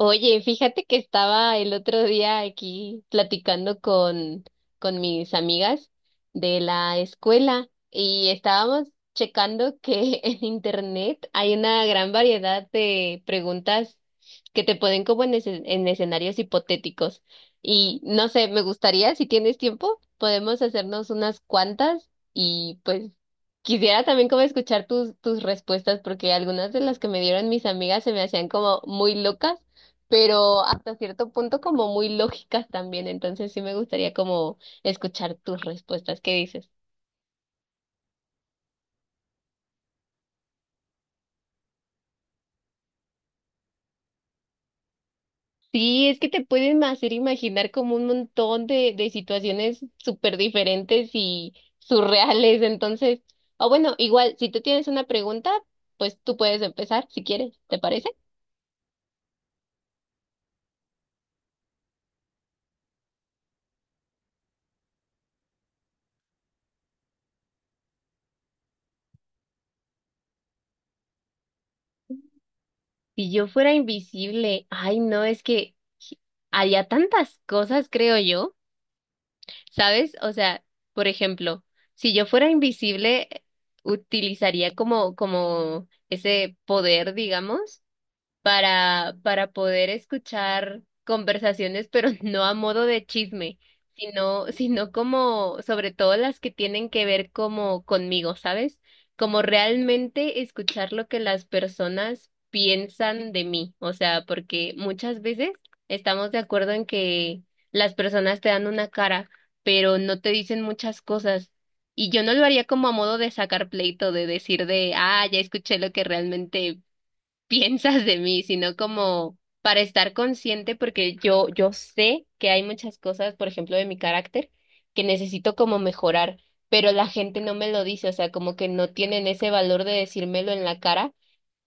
Oye, fíjate que estaba el otro día aquí platicando con mis amigas de la escuela y estábamos checando que en internet hay una gran variedad de preguntas que te ponen como en escenarios hipotéticos. Y no sé, me gustaría, si tienes tiempo, podemos hacernos unas cuantas y pues quisiera también como escuchar tus respuestas porque algunas de las que me dieron mis amigas se me hacían como muy locas pero hasta cierto punto como muy lógicas también, entonces sí me gustaría como escuchar tus respuestas, ¿qué dices? Sí, es que te pueden hacer imaginar como un montón de situaciones súper diferentes y surreales, entonces, o bueno, igual, si tú tienes una pregunta, pues tú puedes empezar si quieres, ¿te parece? Si yo fuera invisible, ay no, es que haría tantas cosas, creo yo. ¿Sabes? O sea, por ejemplo, si yo fuera invisible, utilizaría como ese poder, digamos para poder escuchar conversaciones, pero no a modo de chisme, sino como, sobre todo las que tienen que ver como conmigo, ¿sabes? Como realmente escuchar lo que las personas piensan de mí, o sea, porque muchas veces estamos de acuerdo en que las personas te dan una cara, pero no te dicen muchas cosas. Y yo no lo haría como a modo de sacar pleito, de decir de, ah, ya escuché lo que realmente piensas de mí, sino como para estar consciente, porque yo sé que hay muchas cosas, por ejemplo, de mi carácter, que necesito como mejorar, pero la gente no me lo dice, o sea, como que no tienen ese valor de decírmelo en la cara.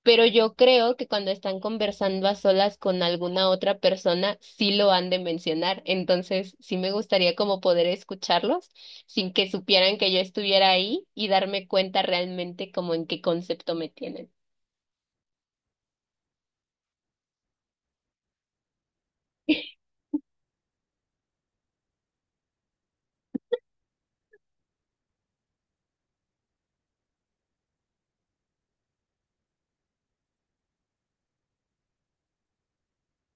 Pero yo creo que cuando están conversando a solas con alguna otra persona, sí lo han de mencionar. Entonces, sí me gustaría como poder escucharlos sin que supieran que yo estuviera ahí y darme cuenta realmente como en qué concepto me tienen.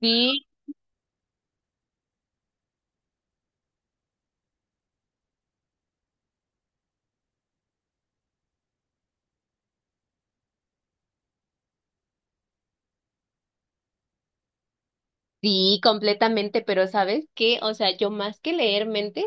Sí, sí, completamente, pero ¿sabes qué? O sea, yo más que leer mentes,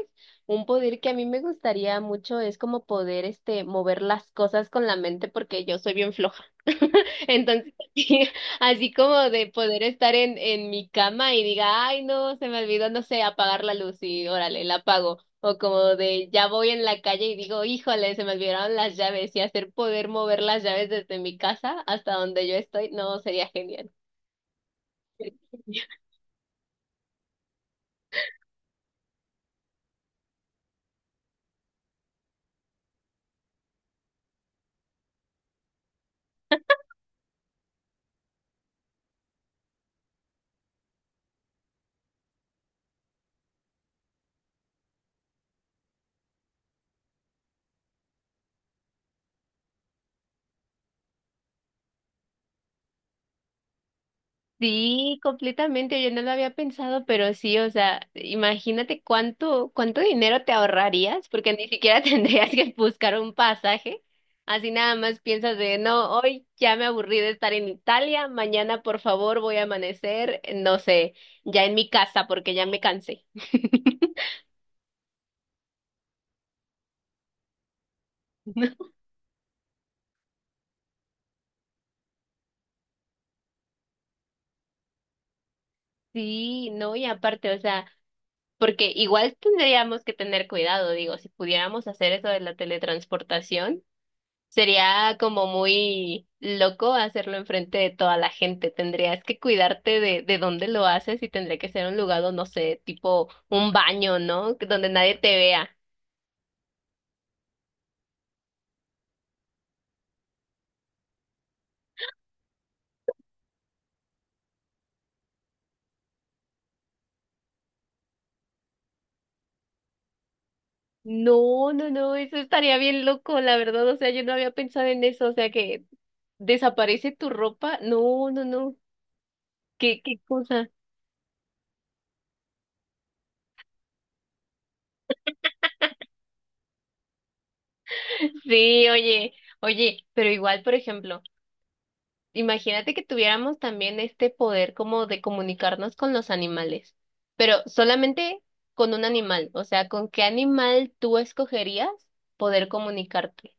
un poder que a mí me gustaría mucho es como poder, este, mover las cosas con la mente porque yo soy bien floja. Entonces, así como de poder estar en mi cama y diga, ay, no, se me olvidó, no sé, apagar la luz y órale, la apago. O como de ya voy en la calle y digo, híjole, se me olvidaron las llaves y hacer poder mover las llaves desde mi casa hasta donde yo estoy, no, sería genial. Sí, completamente, yo no lo había pensado, pero sí, o sea, imagínate cuánto dinero te ahorrarías, porque ni siquiera tendrías que buscar un pasaje. Así nada más piensas de, no, hoy ya me aburrí de estar en Italia, mañana por favor voy a amanecer, no sé, ya en mi casa porque ya me cansé. Sí, no, y aparte, o sea, porque igual tendríamos que tener cuidado, digo, si pudiéramos hacer eso de la teletransportación. Sería como muy loco hacerlo enfrente de toda la gente. Tendrías que cuidarte de dónde lo haces y tendría que ser un lugar, no sé, tipo un baño, ¿no? Que donde nadie te vea. No, no, no, eso estaría bien loco, la verdad. O sea, yo no había pensado en eso. O sea, que desaparece tu ropa. No, no, no. ¿Qué, qué cosa? Sí, oye, oye, pero igual, por ejemplo. Imagínate que tuviéramos también este poder como de comunicarnos con los animales, pero solamente con un animal, o sea, ¿con qué animal tú escogerías poder comunicarte?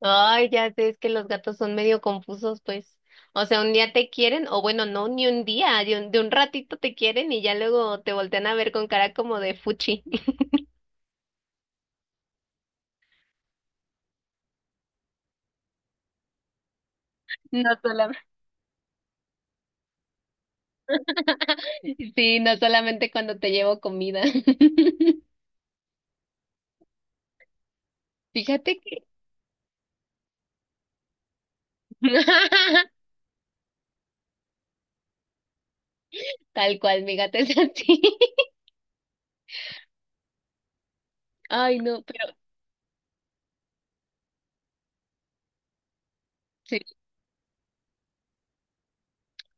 Ay, ya sé, es que los gatos son medio confusos, pues. O sea, un día te quieren, o bueno, no, ni un día, de de un ratito te quieren y ya luego te voltean a ver con cara como de fuchi. No solamente, sí, no solamente cuando te llevo comida. Fíjate que tal cual, mi gato es así. Ay, no, pero sí,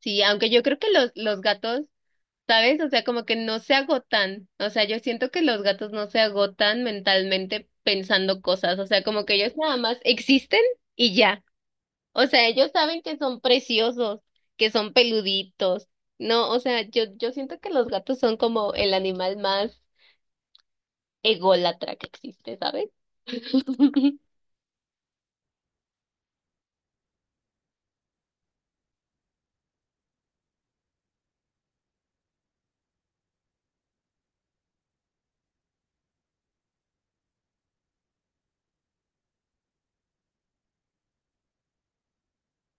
sí, aunque yo creo que los gatos, ¿sabes? O sea, como que no se agotan. O sea, yo siento que los gatos no se agotan mentalmente pensando cosas. O sea, como que ellos nada más existen y ya. O sea, ellos saben que son preciosos, que son peluditos. No, o sea, yo siento que los gatos son como el animal más ególatra que existe, ¿sabes?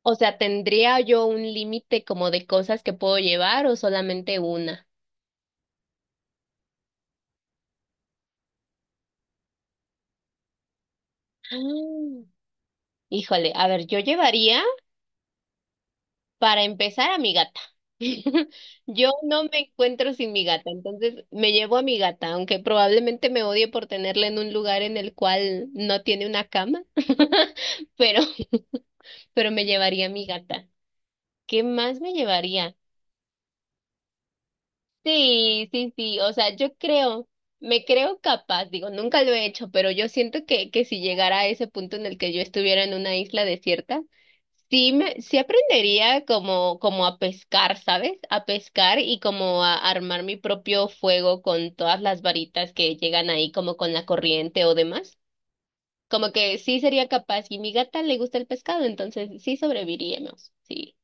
O sea, ¿tendría yo un límite como de cosas que puedo llevar o solamente una? Ah, híjole, a ver, yo llevaría para empezar a mi gata. Yo no me encuentro sin mi gata, entonces me llevo a mi gata, aunque probablemente me odie por tenerla en un lugar en el cual no tiene una cama, pero, pero me llevaría a mi gata. ¿Qué más me llevaría? Sí, sí, sí, o sea, yo creo, me creo capaz, digo, nunca lo he hecho, pero yo siento que si llegara a ese punto en el que yo estuviera en una isla desierta, sí aprendería como, como a pescar, ¿sabes? A pescar y como a armar mi propio fuego con todas las varitas que llegan ahí, como con la corriente o demás. Como que sí sería capaz, y mi gata le gusta el pescado, entonces sí sobreviviríamos, sí.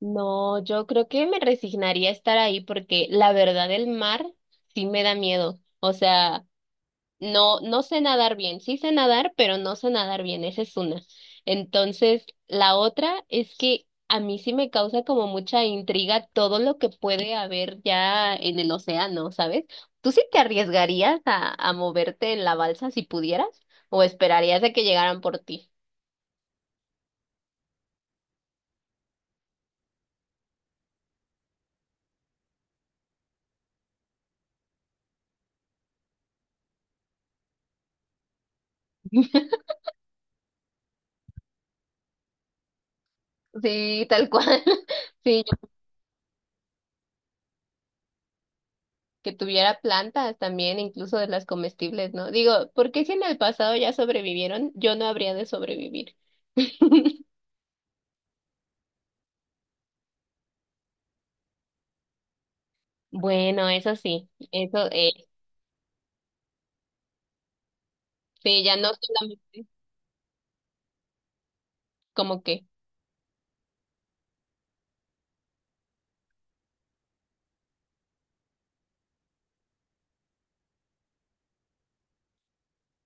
No, yo creo que me resignaría a estar ahí porque la verdad el mar sí me da miedo. O sea, no, no sé nadar bien. Sí sé nadar, pero no sé nadar bien. Esa es una. Entonces, la otra es que a mí sí me causa como mucha intriga todo lo que puede haber ya en el océano, ¿sabes? ¿Tú sí te arriesgarías a moverte en la balsa si pudieras? ¿O esperarías a que llegaran por ti? Sí, tal cual. Sí, que tuviera plantas también, incluso de las comestibles, ¿no? Digo, ¿por qué si en el pasado ya sobrevivieron, yo no habría de sobrevivir? Bueno, eso, sí, ya no solamente como que,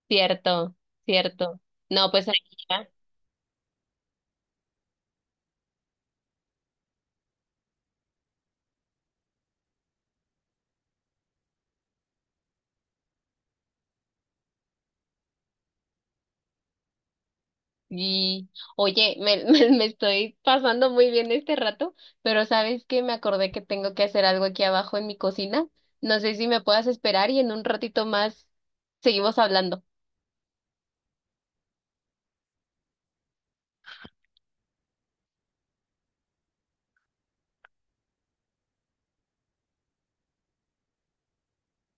cierto, cierto. No, pues aquí ya. Y, oye, me estoy pasando muy bien este rato, pero ¿sabes qué? Me acordé que tengo que hacer algo aquí abajo en mi cocina. No sé si me puedas esperar y en un ratito más seguimos hablando.